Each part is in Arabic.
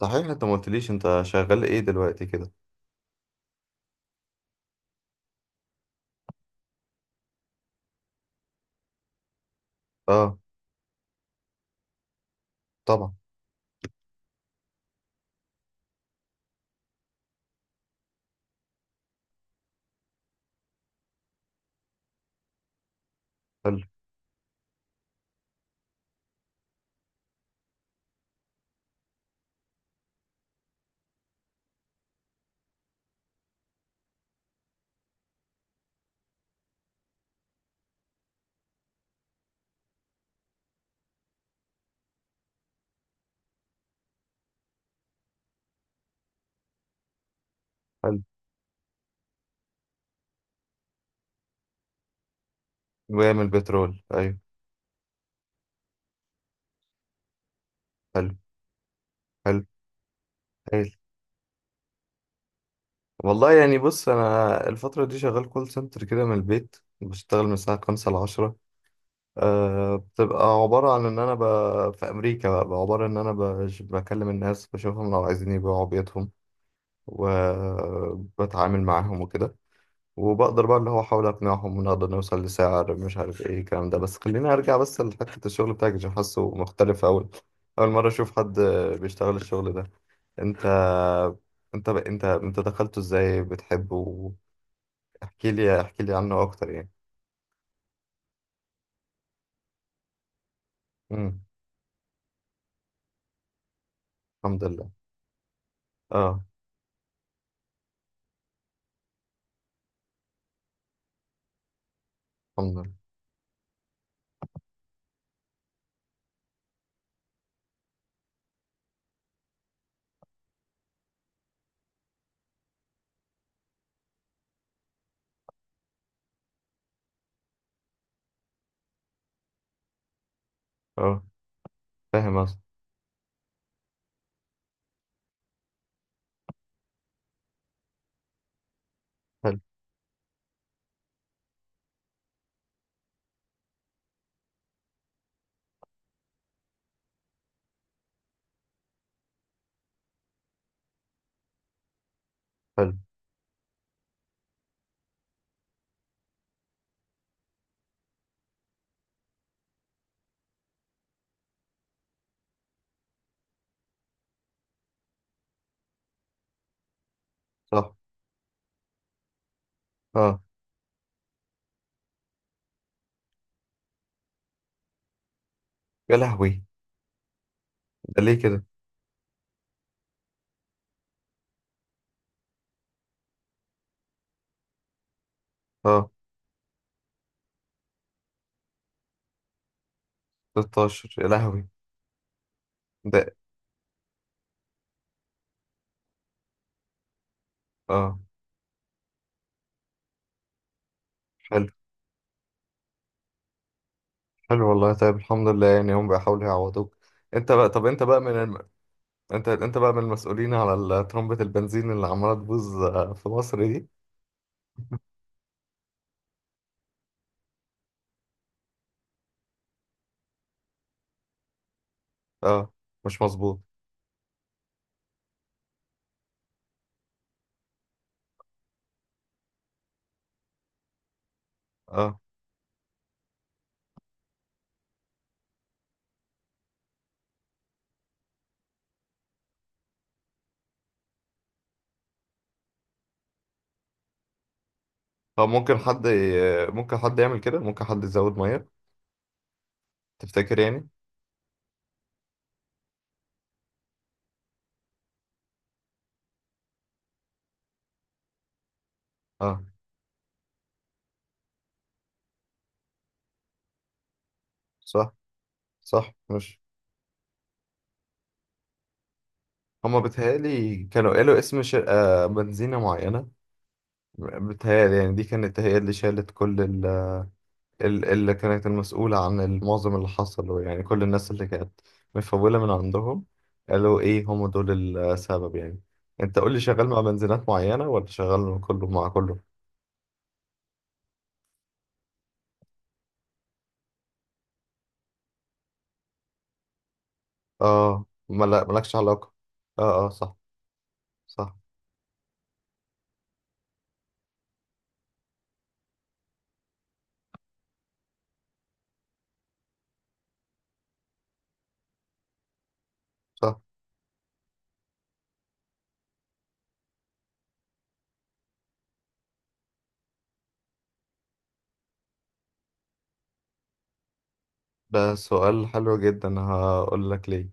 صحيح، انت ما قلتليش انت شغال ايه دلوقتي كده؟ اه. طبعا. حلو. حلو. بعمل بترول، ايوه. حلو. حلو. هايل. والله يعني بص، انا الفترة دي شغال كول سنتر كده، من البيت بشتغل من الساعة خمسة لعشرة. آه، بتبقى عبارة عن ان انا في امريكا بقى، عبارة ان انا بكلم الناس، بشوفهم لو عايزين يبيعوا بيوتهم، وبتعامل معاهم وكده. وبقدر بقى اللي هو احاول اقنعهم ونقدر نوصل لسعر، مش عارف ايه الكلام ده، بس خليني ارجع بس لحتة الشغل بتاعك عشان حاسه مختلف. اول مرة اشوف حد بيشتغل الشغل ده. انت انت انت دخلته ازاي؟ بتحبه؟ احكي لي احكي لي عنه اكتر يعني. امم الحمد لله. اه. الحمد لله. اه. فاهم اصلا. حلو. حلو. صح. اه. يا لهوي! ده ليه كده؟ اه. 16، يا لهوي! ده. اه. حلو. حلو والله، طيب الحمد لله، يعني هم بيحاولوا يعوضوك. انت بقى، طب انت بقى من انت بقى من المسؤولين على طرمبة البنزين اللي عمالة تبوظ في مصر دي؟ اه. مش مظبوط. اه. طب ممكن حد ممكن حد يعمل كده؟ ممكن حد يزود ميه؟ تفتكر يعني؟ اه. صح. صح، مش... هما بيتهيألي كانوا قالوا اسم شركة بنزينة معينة. بيتهيألي يعني دي كانت هي اللي شالت كل اللي كانت المسؤولة عن المعظم اللي حصل، يعني كل الناس اللي كانت مفولة من عندهم. قالوا إيه؟ هم دول السبب يعني. أنت قول لي، شغال مع بنزينات معينة ولا شغال مع كله، مع كله؟ آه، مالكش علاقة. آه آه، صح. صح. صح. ده سؤال حلو جدا، هقول لك ليه.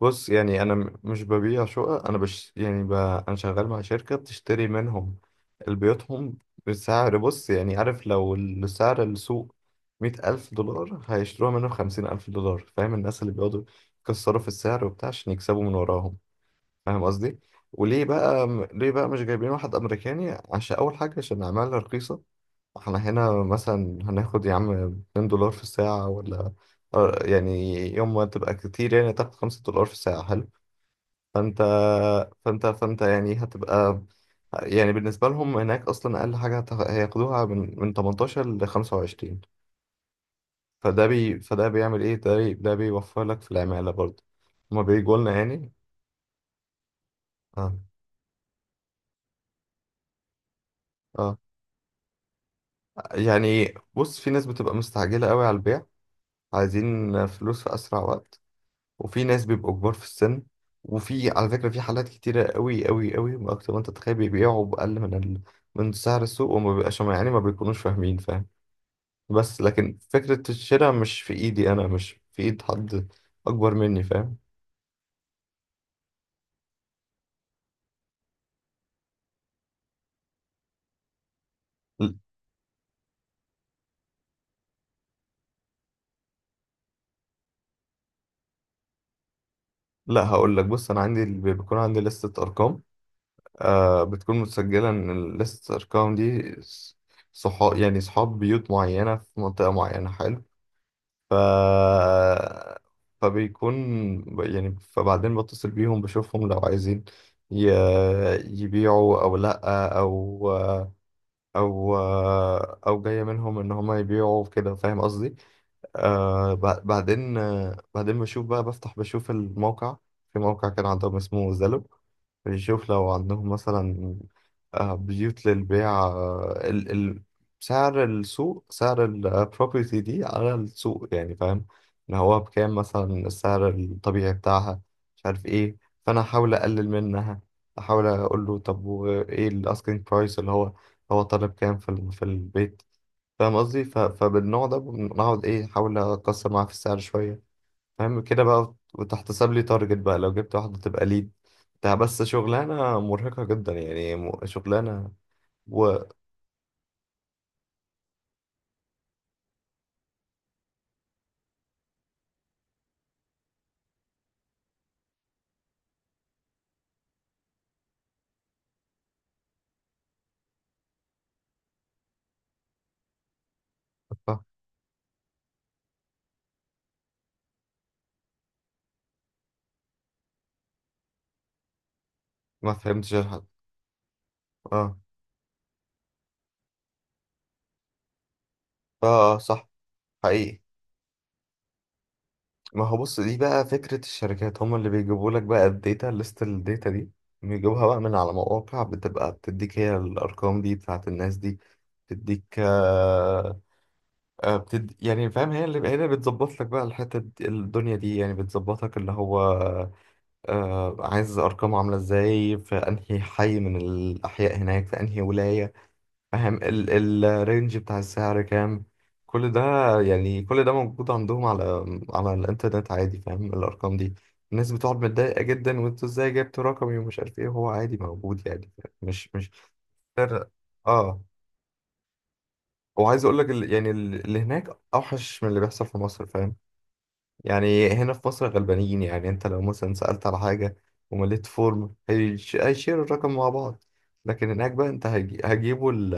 بص يعني انا مش ببيع شقق، انا بش يعني انا شغال مع شركة بتشتري منهم بيوتهم بسعر. بص يعني عارف، لو السعر السوق 100,000 دولار، هيشتروها منه بـ50,000 دولار، فاهم؟ الناس اللي بيقعدوا يكسروا في السعر وبتاع عشان يكسبوا من وراهم، فاهم قصدي؟ وليه بقى؟ ليه بقى مش جايبين واحد أمريكاني؟ عشان أول حاجة، عشان العمالة رخيصة. احنا هنا مثلا هناخد، يا عم، $2 في الساعة، ولا آه، يعني يوم ما تبقى كتير يعني تاخد $5 في الساعة. حلو. فانت فانت يعني هتبقى... يعني بالنسبة لهم هناك، أصلا أقل حاجة هياخدوها من 18 ل 25. فده بيعمل إيه؟ ده بيوفر لك في العمالة برضه. هما بيجوا لنا يعني. اه. اه. يعني بص، في ناس بتبقى مستعجلة قوي على البيع، عايزين فلوس في أسرع وقت. وفي ناس بيبقوا كبار في السن. وفي، على فكرة، في حالات كتيرة قوي قوي قوي، ما أكتر ما أنت تتخيل، بيبيعوا بأقل من من سعر السوق، وما بيبقاش يعني، ما بيكونوش فاهمين، فاهم؟ بس لكن فكرة الشراء مش في إيدي أنا، مش في إيد حد أكبر مني، فاهم؟ ل- لا، هقول لك. بص، أنا عندي بيكون عندي لستة أرقام. آه، بتكون متسجلة إن لستة الأرقام دي صحاب، يعني صحاب بيوت معينة في منطقة معينة. حلو. ف فبيكون يعني، فبعدين بتصل بيهم، بشوفهم لو عايزين ي... يبيعوا او لا، او او او جاية منهم ان هما يبيعوا كده، فاهم قصدي؟ آه، بعدين، آه بعدين بشوف بقى، بفتح بشوف الموقع. في موقع كان عندهم اسمه زلو، بنشوف لو عندهم مثلا آه بيوت للبيع. آه، ال سعر السوق، سعر البروبرتي دي على السوق، يعني فاهم ان هو بكام مثلا السعر الطبيعي بتاعها، مش عارف ايه. فانا احاول اقلل منها، احاول اقول له طب وايه الاسكينج برايس اللي هو، هو طالب كام في في البيت؟ فاهم قصدي؟ فبالنوع ده بنقعد ايه احاول اكسر معاه في السعر شويه، فاهم كده بقى؟ وتحتسب لي تارجت بقى لو جبت واحده، تبقى ليد. ده بس شغلانه مرهقه جدا، يعني شغلانه... و... ف... ما فهمتش الحد. اه. اه. آه، صح. حقيقي. ما هو بص، دي بقى فكره الشركات، هم اللي بيجيبوا لك بقى الداتا ليست، الداتا دي بيجيبوها بقى من على مواقع، بتبقى بتديك هي الارقام دي بتاعت الناس دي، تديك. آه، يعني فاهم، هي اللي بتظبط لك بقى الحتة دي- الدنيا دي، يعني بتظبطك اللي هو آه، عايز أرقامه عاملة ازاي في أنهي حي من الأحياء هناك، في أنهي ولاية، فاهم؟ الرينج بتاع السعر كام، كل ده، يعني كل ده موجود عندهم على الإنترنت عادي، فاهم؟ الأرقام دي، الناس بتقعد متضايقة جدا، وانتوا ازاي جبتوا رقمي ومش عارف ايه، هو عادي موجود يعني، مش اه. وعايز اقول لك يعني اللي هناك اوحش من اللي بيحصل في مصر، فاهم؟ يعني هنا في مصر غلبانين، يعني انت لو مثلا سألت على حاجة ومليت فورم، هيشيروا الرقم مع بعض. لكن هناك بقى انت هيجي- هيجيبوا ال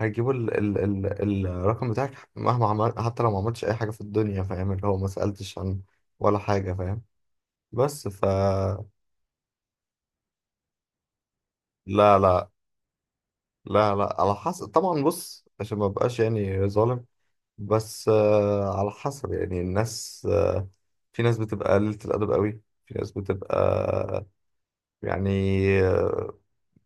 هيجيبوا ال ال ال الرقم بتاعك مهما عمل، حتى لو ما عملتش اي حاجة في الدنيا، فاهم؟ اللي هو ما سألتش عن ولا حاجة، فاهم؟ بس لا لا. لا لا، على حسب طبعا، بص عشان ما بقاش يعني ظالم. بس آه، على حسب يعني، الناس في ناس بتبقى قليلة الأدب قوي، في ناس بتبقى يعني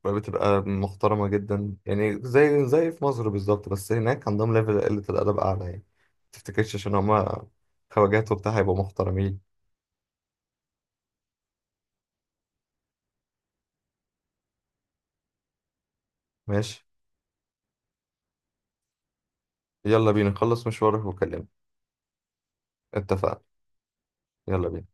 بتبقى محترمة جدا، يعني زي في مصر بالظبط. بس هناك عندهم ليفل قلة الأدب أعلى يعني، متفتكرش عشان هما خواجات وبتاع هيبقوا محترمين. ماشي. يلا بينا نخلص مشوارك وكلمني. اتفقنا. يلا بينا.